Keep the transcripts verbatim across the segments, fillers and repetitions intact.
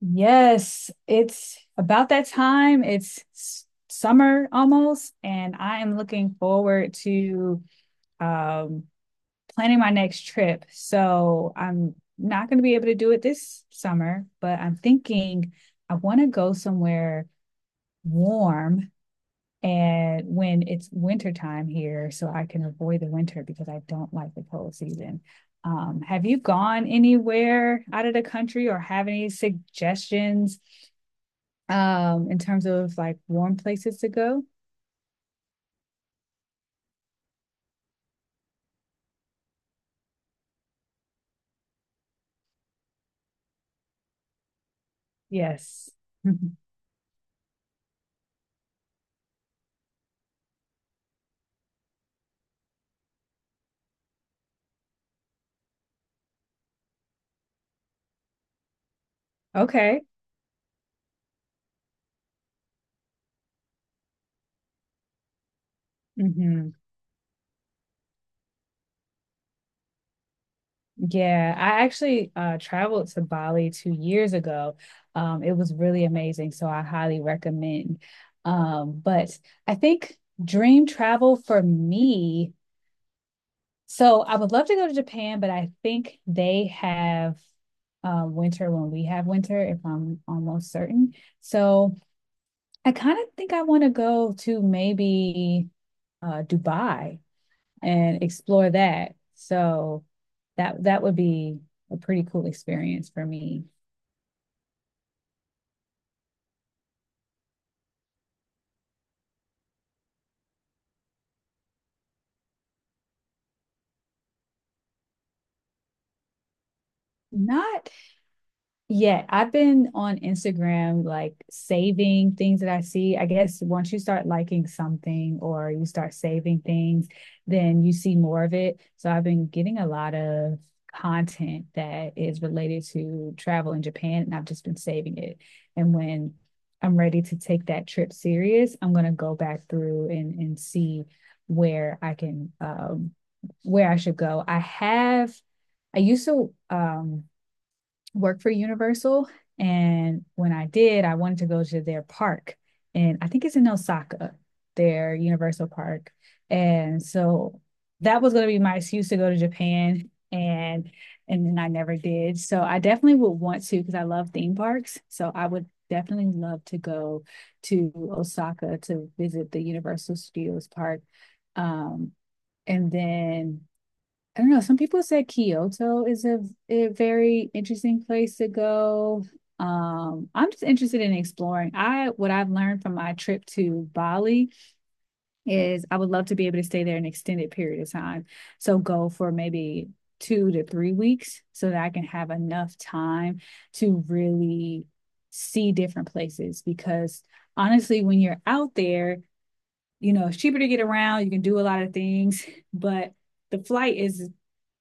Yes, it's about that time. It's s- summer almost, and I am looking forward to um, planning my next trip. So I'm not going to be able to do it this summer, but I'm thinking I want to go somewhere warm and when it's winter time here, so I can avoid the winter because I don't like the cold season. Um, have you gone anywhere out of the country or have any suggestions? Um in terms of like warm places to go. Yes. Mhm. Okay. Hmm. Yeah, I actually uh traveled to Bali two years ago. Um it was really amazing, so I highly recommend. Um but I think dream travel for me, so I would love to go to Japan, but I think they have uh, winter when we have winter, if I'm almost certain. So I kind of think I want to go to maybe uh, Dubai and explore that. So that that would be a pretty cool experience for me. Not. Yeah, I've been on Instagram, like, saving things that I see. I guess once you start liking something or you start saving things, then you see more of it. So I've been getting a lot of content that is related to travel in Japan, and I've just been saving it. And when I'm ready to take that trip serious, I'm gonna go back through and and see where I can um where I should go. I have I used to um work for Universal. And when I did, I wanted to go to their park. And I think it's in Osaka, their Universal Park. And so that was going to be my excuse to go to Japan. And and then I never did. So I definitely would want to because I love theme parks. So I would definitely love to go to Osaka to visit the Universal Studios Park. Um, and then I don't know. Some people said Kyoto is a, a very interesting place to go. Um, I'm just interested in exploring. I What I've learned from my trip to Bali is I would love to be able to stay there an extended period of time. So go for maybe two to three weeks so that I can have enough time to really see different places. Because honestly, when you're out there, you know, it's cheaper to get around, you can do a lot of things, but the flight is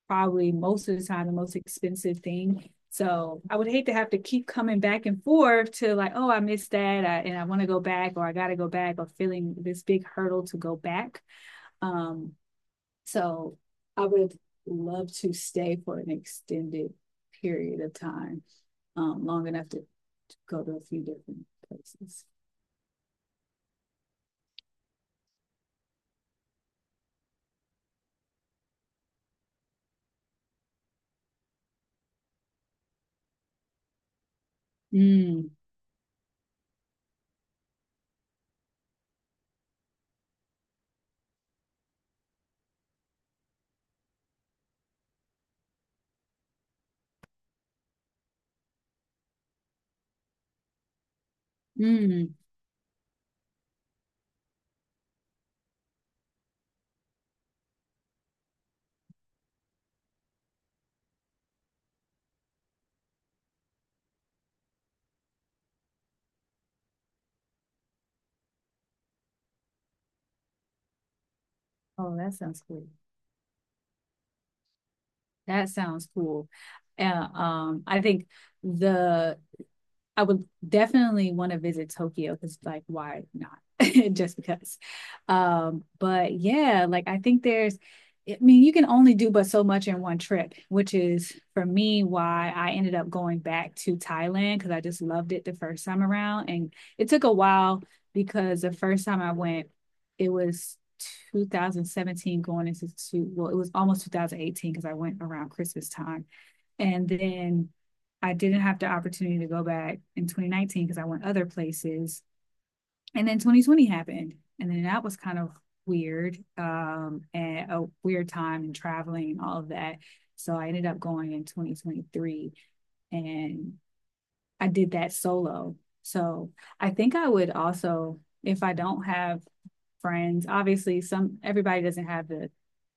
probably most of the time the most expensive thing. So I would hate to have to keep coming back and forth to like, oh, I missed that, I, and I want to go back, or I got to go back, or feeling this big hurdle to go back. Um, so I would love to stay for an extended period of time, um, long enough to, to go to a few different places. Mm, mm. Oh, that sounds cool. That sounds cool. Uh, um, I think the I would definitely want to visit Tokyo because, like, why not? Just because. Um, but yeah, like, I think there's, I mean, you can only do but so much in one trip, which is for me why I ended up going back to Thailand because I just loved it the first time around. And it took a while because the first time I went, it was twenty seventeen going into two, well, it was almost twenty eighteen because I went around Christmas time. And then I didn't have the opportunity to go back in twenty nineteen because I went other places. And then twenty twenty happened. And then that was kind of weird um, and a weird time and traveling and all of that. So I ended up going in twenty twenty-three and I did that solo. So I think I would also, if I don't have friends, obviously some everybody doesn't have the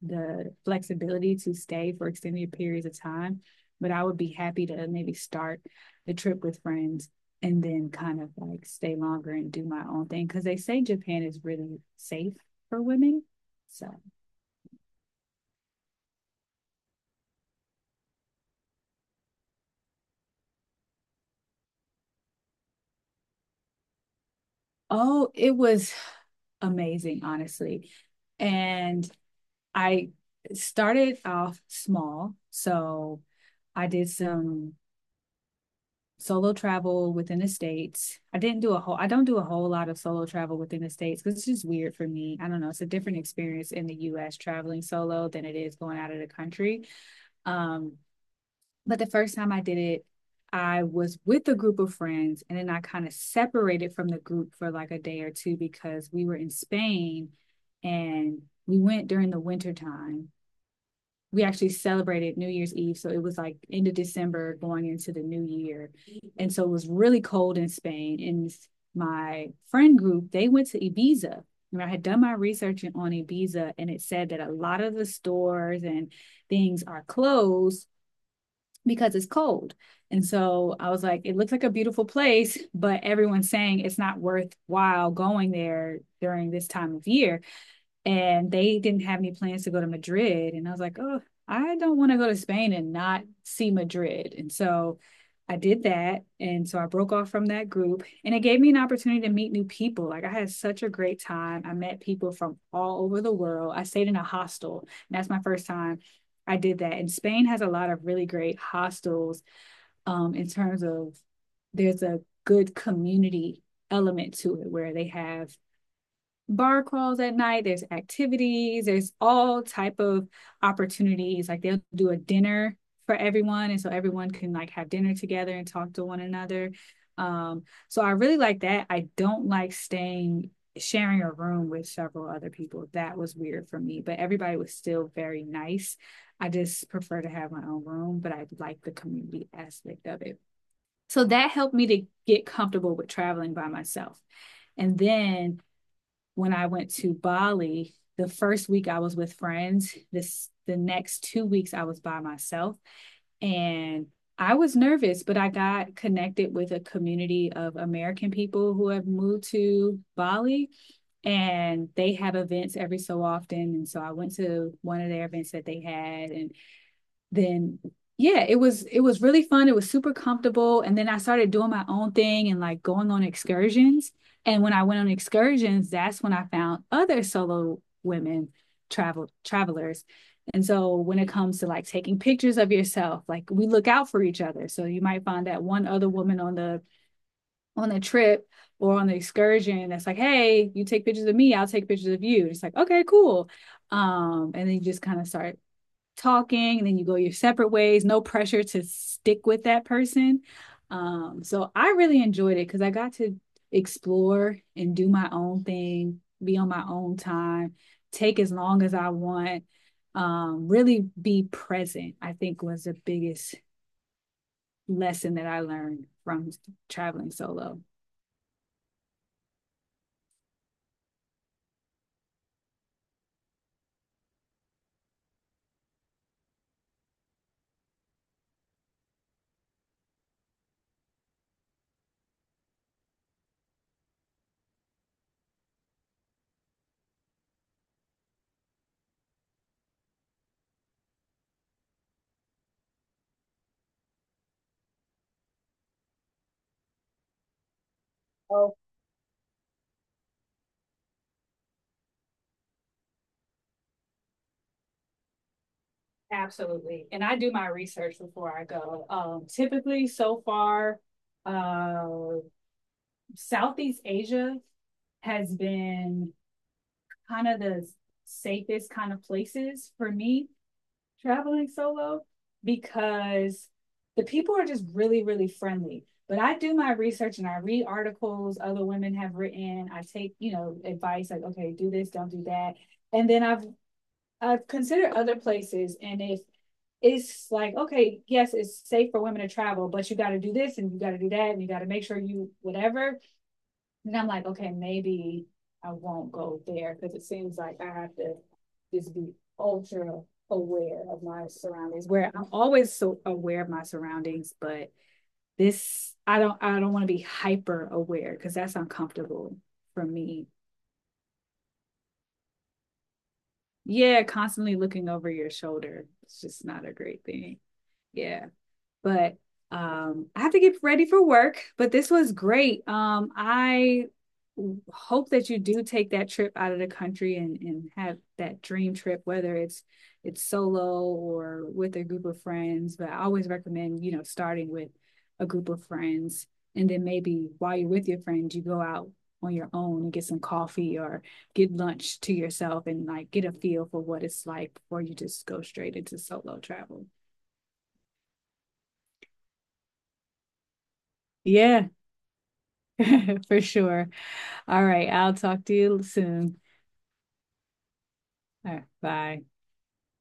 the flexibility to stay for extended periods of time, but I would be happy to maybe start the trip with friends and then kind of like stay longer and do my own thing because they say Japan is really safe for women. So, oh, it was amazing, honestly. And I started off small. So I did some solo travel within the states. I didn't do a whole I don't do a whole lot of solo travel within the states cuz it's just weird for me. I don't know, it's a different experience in the U S traveling solo than it is going out of the country. Um but the first time I did it I was with a group of friends and then I kind of separated from the group for like a day or two because we were in Spain and we went during the winter time. We actually celebrated New Year's Eve. So it was like end of December going into the new year. And so it was really cold in Spain. And my friend group, they went to Ibiza. And I had done my research on Ibiza and it said that a lot of the stores and things are closed because it's cold. And so I was like, it looks like a beautiful place, but everyone's saying it's not worthwhile going there during this time of year, and they didn't have any plans to go to Madrid. And I was like, oh, I don't want to go to Spain and not see Madrid. And so I did that. And so I broke off from that group and it gave me an opportunity to meet new people. Like I had such a great time. I met people from all over the world. I stayed in a hostel. And that's my first time I did that. And Spain has a lot of really great hostels um, in terms of there's a good community element to it where they have bar crawls at night, there's activities, there's all type of opportunities, like they'll do a dinner for everyone and so everyone can like have dinner together and talk to one another. um so I really like that. I don't like staying sharing a room with several other people. That was weird for me, but everybody was still very nice. I just prefer to have my own room, but I like the community aspect of it. So that helped me to get comfortable with traveling by myself. And then when I went to Bali, the first week I was with friends, this the next two weeks I was by myself. And I was nervous, but I got connected with a community of American people who have moved to Bali and they have events every so often. And so I went to one of their events that they had. And then yeah, it was it was really fun. It was super comfortable. And then I started doing my own thing and like going on excursions. And when I went on excursions, that's when I found other solo women travel travelers. And so when it comes to like taking pictures of yourself, like we look out for each other. So you might find that one other woman on the on the trip or on the excursion that's like, hey, you take pictures of me, I'll take pictures of you. It's like, okay, cool. Um, and then you just kind of start talking and then you go your separate ways, no pressure to stick with that person. Um so I really enjoyed it because I got to explore and do my own thing, be on my own time, take as long as I want. Um really be present, I think, was the biggest lesson that I learned from traveling solo. Oh, absolutely. And I do my research before I go. Um, typically, so far, uh, Southeast Asia has been kind of the safest kind of places for me traveling solo because the people are just really, really friendly. But I do my research and I read articles other women have written. I take, you know, advice like, okay, do this, don't do that. And then I've I've considered other places, and if it's like, okay, yes, it's safe for women to travel, but you gotta do this and you gotta do that and you gotta make sure you whatever, and I'm like, okay, maybe I won't go there because it seems like I have to just be ultra aware of my surroundings. Where I'm always so aware of my surroundings, but this I don't I don't want to be hyper aware because that's uncomfortable for me. Yeah, constantly looking over your shoulder. It's just not a great thing. Yeah. But um, I have to get ready for work. But this was great. Um, I hope that you do take that trip out of the country and, and have that dream trip, whether it's it's solo or with a group of friends. But I always recommend, you know, starting with a group of friends. And then maybe while you're with your friends, you go out on your own and get some coffee or get lunch to yourself and like get a feel for what it's like before you just go straight into solo travel. Yeah. For sure. All right. I'll talk to you soon. All right. Bye.